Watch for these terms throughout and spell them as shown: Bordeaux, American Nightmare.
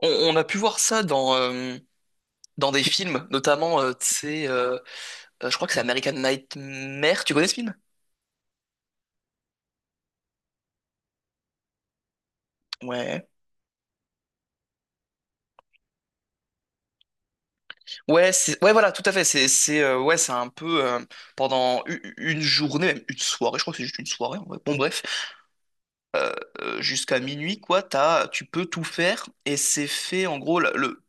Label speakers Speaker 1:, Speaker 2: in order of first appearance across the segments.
Speaker 1: On a pu voir ça dans des films, notamment, je crois que c'est American Nightmare. Tu connais ce film? Ouais. Voilà, tout à fait. C'est un peu pendant une journée, même une soirée, je crois que c'est juste une soirée en vrai. Bon, bref, euh, jusqu'à minuit, quoi, tu peux tout faire et c'est fait, en gros. la, le,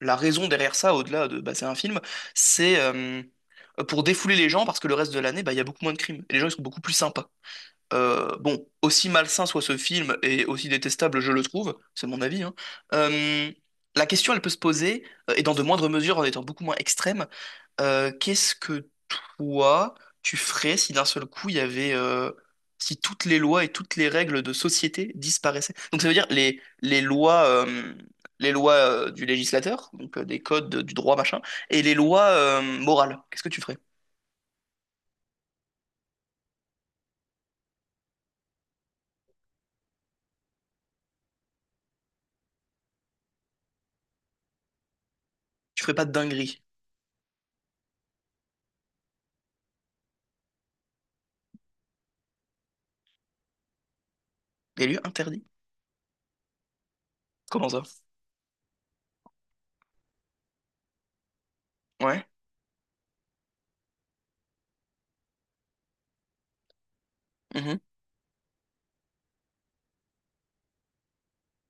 Speaker 1: la raison derrière ça, au-delà de, bah, c'est un film, c'est pour défouler les gens parce que le reste de l'année, bah, il y a beaucoup moins de crimes et les gens, ils sont beaucoup plus sympas. Bon, aussi malsain soit ce film et aussi détestable je le trouve, c'est mon avis, hein, euh, la question elle peut se poser, et dans de moindres mesures en étant beaucoup moins extrême, qu'est-ce que toi tu ferais si d'un seul coup il y avait, si toutes les lois et toutes les règles de société disparaissaient? Donc ça veut dire les lois du législateur, donc des codes du droit machin, et les lois morales, qu'est-ce que tu ferais? Tu ferais pas de dinguerie? Des lieux interdits? Comment ça? Ouais. Mmh.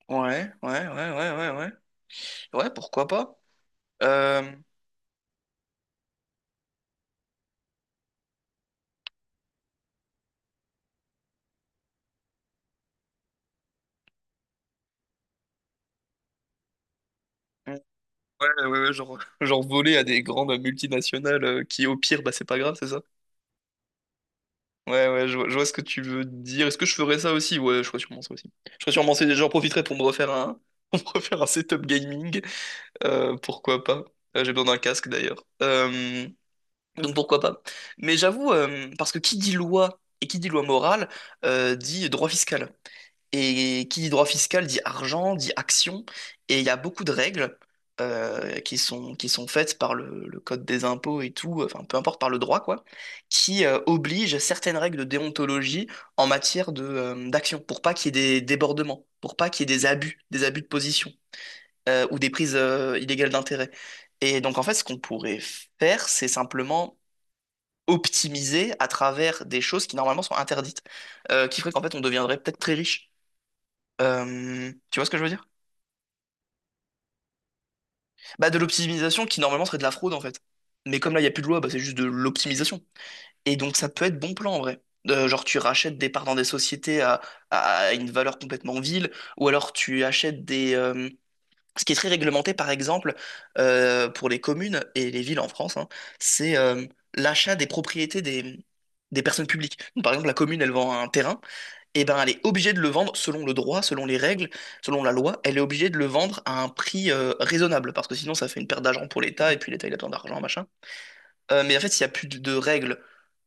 Speaker 1: Ouais, ouais, ouais, ouais, ouais, ouais. Ouais, pourquoi pas? Euh, ouais, ouais, genre, genre voler à des grandes multinationales qui, au pire, bah c'est pas grave, c'est ça? Ouais, ouais, je vois ce que tu veux dire. Est-ce que je ferais ça aussi? Ouais, je ferais sûrement ça aussi. Je ferais sûrement ça, j'en profiterais pour me refaire un, pour me refaire un setup gaming. Pourquoi pas? J'ai besoin d'un casque d'ailleurs. Donc pourquoi pas? Mais j'avoue, parce que qui dit loi et qui dit loi morale, dit droit fiscal. Et qui dit droit fiscal dit argent, dit action, et il y a beaucoup de règles qui sont faites par le code des impôts et tout, enfin peu importe par le droit quoi, qui obligent certaines règles de déontologie en matière de, d'action, pour pas qu'il y ait des débordements, pour pas qu'il y ait des abus de position ou des prises illégales d'intérêt. Et donc en fait, ce qu'on pourrait faire, c'est simplement optimiser à travers des choses qui normalement sont interdites, qui ferait qu'en fait on deviendrait peut-être très riche. Tu vois ce que je veux dire? Bah, de l'optimisation qui normalement serait de la fraude en fait. Mais comme là, il n'y a plus de loi, bah, c'est juste de l'optimisation. Et donc, ça peut être bon plan en vrai. Genre, tu rachètes des parts dans des sociétés à une valeur complètement vile, ou alors tu achètes des. Ce qui est très réglementé, par exemple, pour les communes et les villes en France, hein, c'est l'achat des propriétés des personnes publiques. Donc, par exemple, la commune, elle vend un terrain, eh ben, elle est obligée de le vendre selon le droit, selon les règles, selon la loi. Elle est obligée de le vendre à un prix raisonnable parce que sinon ça fait une perte d'argent pour l'État et puis l'État il a besoin d'argent, machin. Mais en fait, s'il n'y a plus de règles,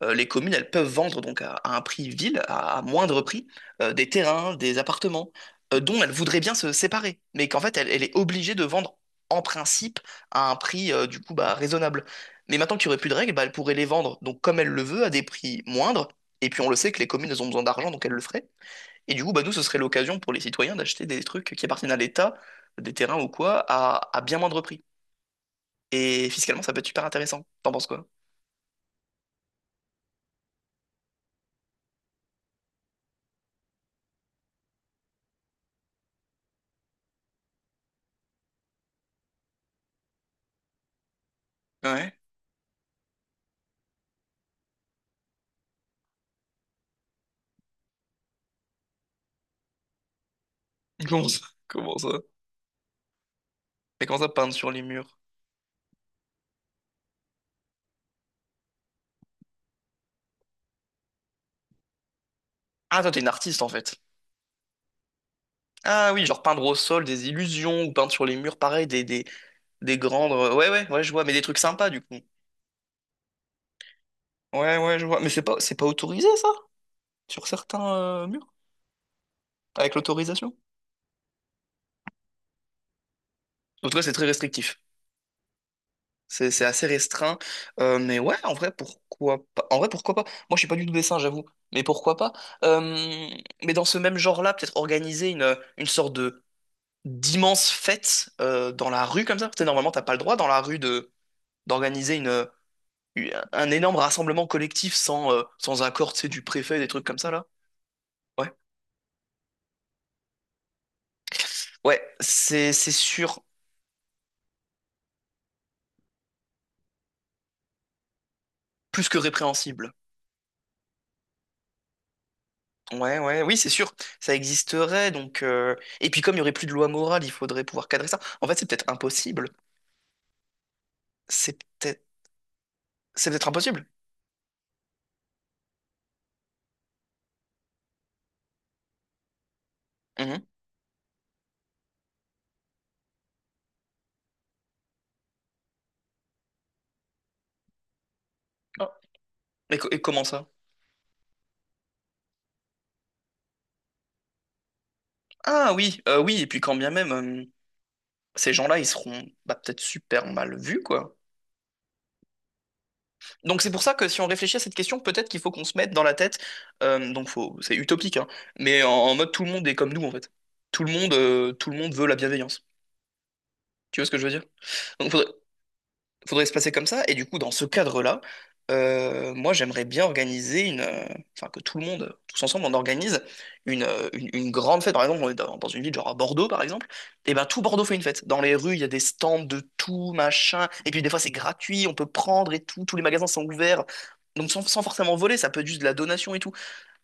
Speaker 1: les communes elles peuvent vendre donc à un prix ville, à moindre prix, des terrains, des appartements dont elles voudraient bien se séparer, mais qu'en fait elle est obligée de vendre en principe à un prix du coup bah, raisonnable. Mais maintenant qu'il n'y aurait plus de règles, bah, elle pourrait les vendre donc comme elle le veut à des prix moindres. Et puis on le sait que les communes elles ont besoin d'argent donc elles le feraient. Et du coup, bah, nous, ce serait l'occasion pour les citoyens d'acheter des trucs qui appartiennent à l'État, des terrains ou quoi, à bien moindre prix. Et fiscalement, ça peut être super intéressant. T'en penses quoi? Ouais. Comment ça? Comment ça? Mais comment ça, peindre sur les murs? Ah, toi, t'es une artiste, en fait. Ah oui, genre peindre au sol des illusions ou peindre sur les murs, pareil, des grandes... Ouais, ouais, ouais, je vois, mais des trucs sympas, du coup. Ouais, ouais, je vois. Mais c'est pas autorisé, ça? Sur certains murs? Avec l'autorisation? En tout cas, c'est très restrictif. C'est assez restreint. Mais ouais, en vrai, pourquoi pas? En vrai, pourquoi pas? Moi, je suis pas du tout dessin, j'avoue. Mais pourquoi pas? Euh, mais dans ce même genre-là, peut-être organiser une sorte de d'immense fête dans la rue comme ça. Tu sais, normalement, t'as pas le droit dans la rue de d'organiser un énorme rassemblement collectif sans accord, tu sais, du préfet, des trucs comme ça, là. Ouais. Ouais, c'est sûr, plus que répréhensible. Ouais, ouais, oui, c'est sûr, ça existerait, donc... Et puis comme il n'y aurait plus de loi morale, il faudrait pouvoir cadrer ça. En fait, c'est peut-être impossible. C'est peut-être... C'est peut-être impossible. Mhm. Ah, Et comment ça? Ah oui, oui, et puis quand bien même, ces gens-là, ils seront bah, peut-être super mal vus, quoi. Donc c'est pour ça que si on réfléchit à cette question, peut-être qu'il faut qu'on se mette dans la tête, donc faut... c'est utopique, hein, en mode tout le monde est comme nous, en fait. Tout le monde veut la bienveillance. Tu vois ce que je veux dire? Donc faudrait- faudrait se passer comme ça. Et du coup, dans ce cadre-là, moi, j'aimerais bien organiser enfin que tout le monde, tous ensemble, on organise une grande fête. Par exemple, on est dans une ville genre à Bordeaux, par exemple. Et ben tout Bordeaux fait une fête. Dans les rues, il y a des stands de tout machin. Et puis des fois, c'est gratuit, on peut prendre et tout. Tous les magasins sont ouverts. Donc sans forcément voler, ça peut être juste de la donation et tout.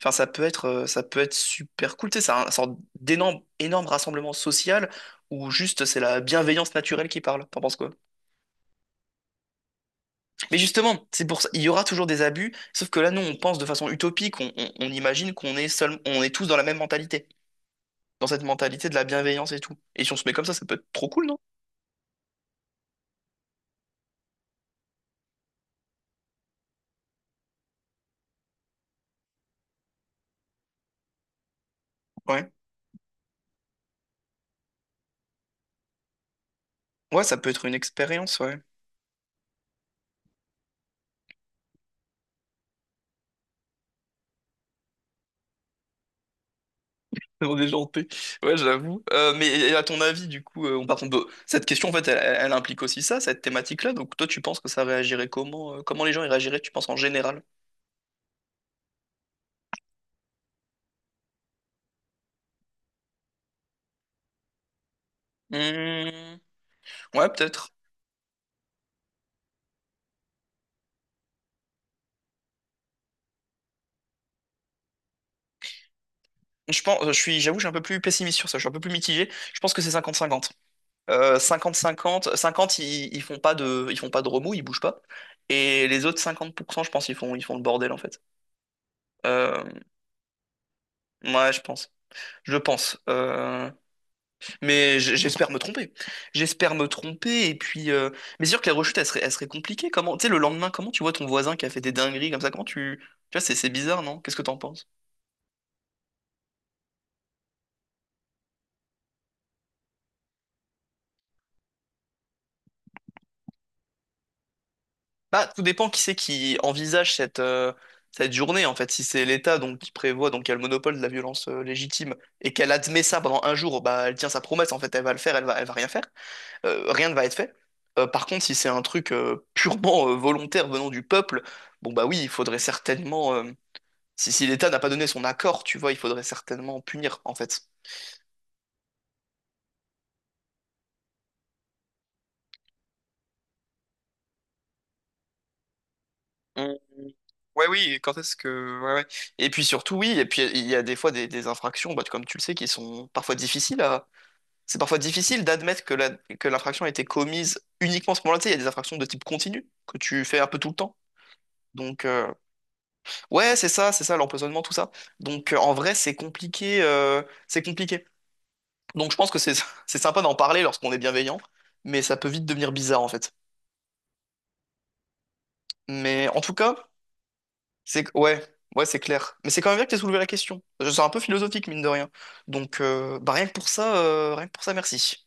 Speaker 1: Enfin, ça peut être super cool. Tu sais, c'est un, sorte énorme rassemblement social où juste c'est la bienveillance naturelle qui parle. T'en penses quoi? Mais justement, c'est pour ça, il y aura toujours des abus, sauf que là, nous, on pense de façon utopique, on imagine qu'on est seul, on est tous dans la même mentalité, dans cette mentalité de la bienveillance et tout. Et si on se met comme ça peut être trop cool, non? Ouais. Ouais, ça peut être une expérience, ouais. On est gentil. Ouais, j'avoue. Mais et à ton avis, du coup, on par contre, bah, cette question, en fait, elle implique aussi ça, cette thématique-là. Donc, toi, tu penses que ça réagirait comment? Comment les gens y réagiraient, tu penses, en général? Hmm, ouais, peut-être. Je pense, je suis, j'avoue, je suis un peu plus pessimiste sur ça, je suis un peu plus mitigé. Je pense que c'est cinquante-cinquante. Cinquante cinquante 50, ils font pas ils font pas de remous, ils bougent pas. Et les autres 50% je pense, ils font le bordel en fait. Euh, ouais, je pense. Je pense. Mais j'espère me tromper. J'espère me tromper. Et puis, mais c'est sûr que la rechute, elle serait compliquée. Comment, tu sais, le lendemain, comment tu vois ton voisin qui a fait des dingueries comme ça? Comment tu, tu vois, c'est bizarre, non? Qu'est-ce que t'en penses? Bah, tout dépend qui c'est qui envisage cette, cette journée, en fait. Si c'est l'État donc qui prévoit, donc qui a le monopole de la violence légitime, et qu'elle admet ça pendant un jour, bah elle tient sa promesse, en fait, elle va le faire, elle va rien faire. Rien ne va être fait. Par contre, si c'est un truc purement volontaire venant du peuple, bon bah oui, il faudrait certainement. Si l'État n'a pas donné son accord, tu vois, il faudrait certainement punir, en fait. Mm. Ouais, oui, quand est-ce que. Ouais, ouais. Et puis surtout, oui, et puis il y a des fois des infractions, bah, comme tu le sais, qui sont parfois difficiles C'est parfois difficile d'admettre que l'infraction a été commise uniquement à ce moment-là. Tu sais, il y a des infractions de type continu que tu fais un peu tout le temps. Donc, ouais, c'est ça, l'empoisonnement, tout ça. Donc, en vrai, c'est compliqué, c'est compliqué. Donc, je pense que c'est c'est sympa d'en parler lorsqu'on est bienveillant, mais ça peut vite devenir bizarre, en fait. Mais en tout cas, c'est ouais, ouais, c'est clair. Mais c'est quand même bien que tu aies soulevé la question. Je suis un peu philosophique, mine de rien. Donc, bah, rien que pour ça, merci.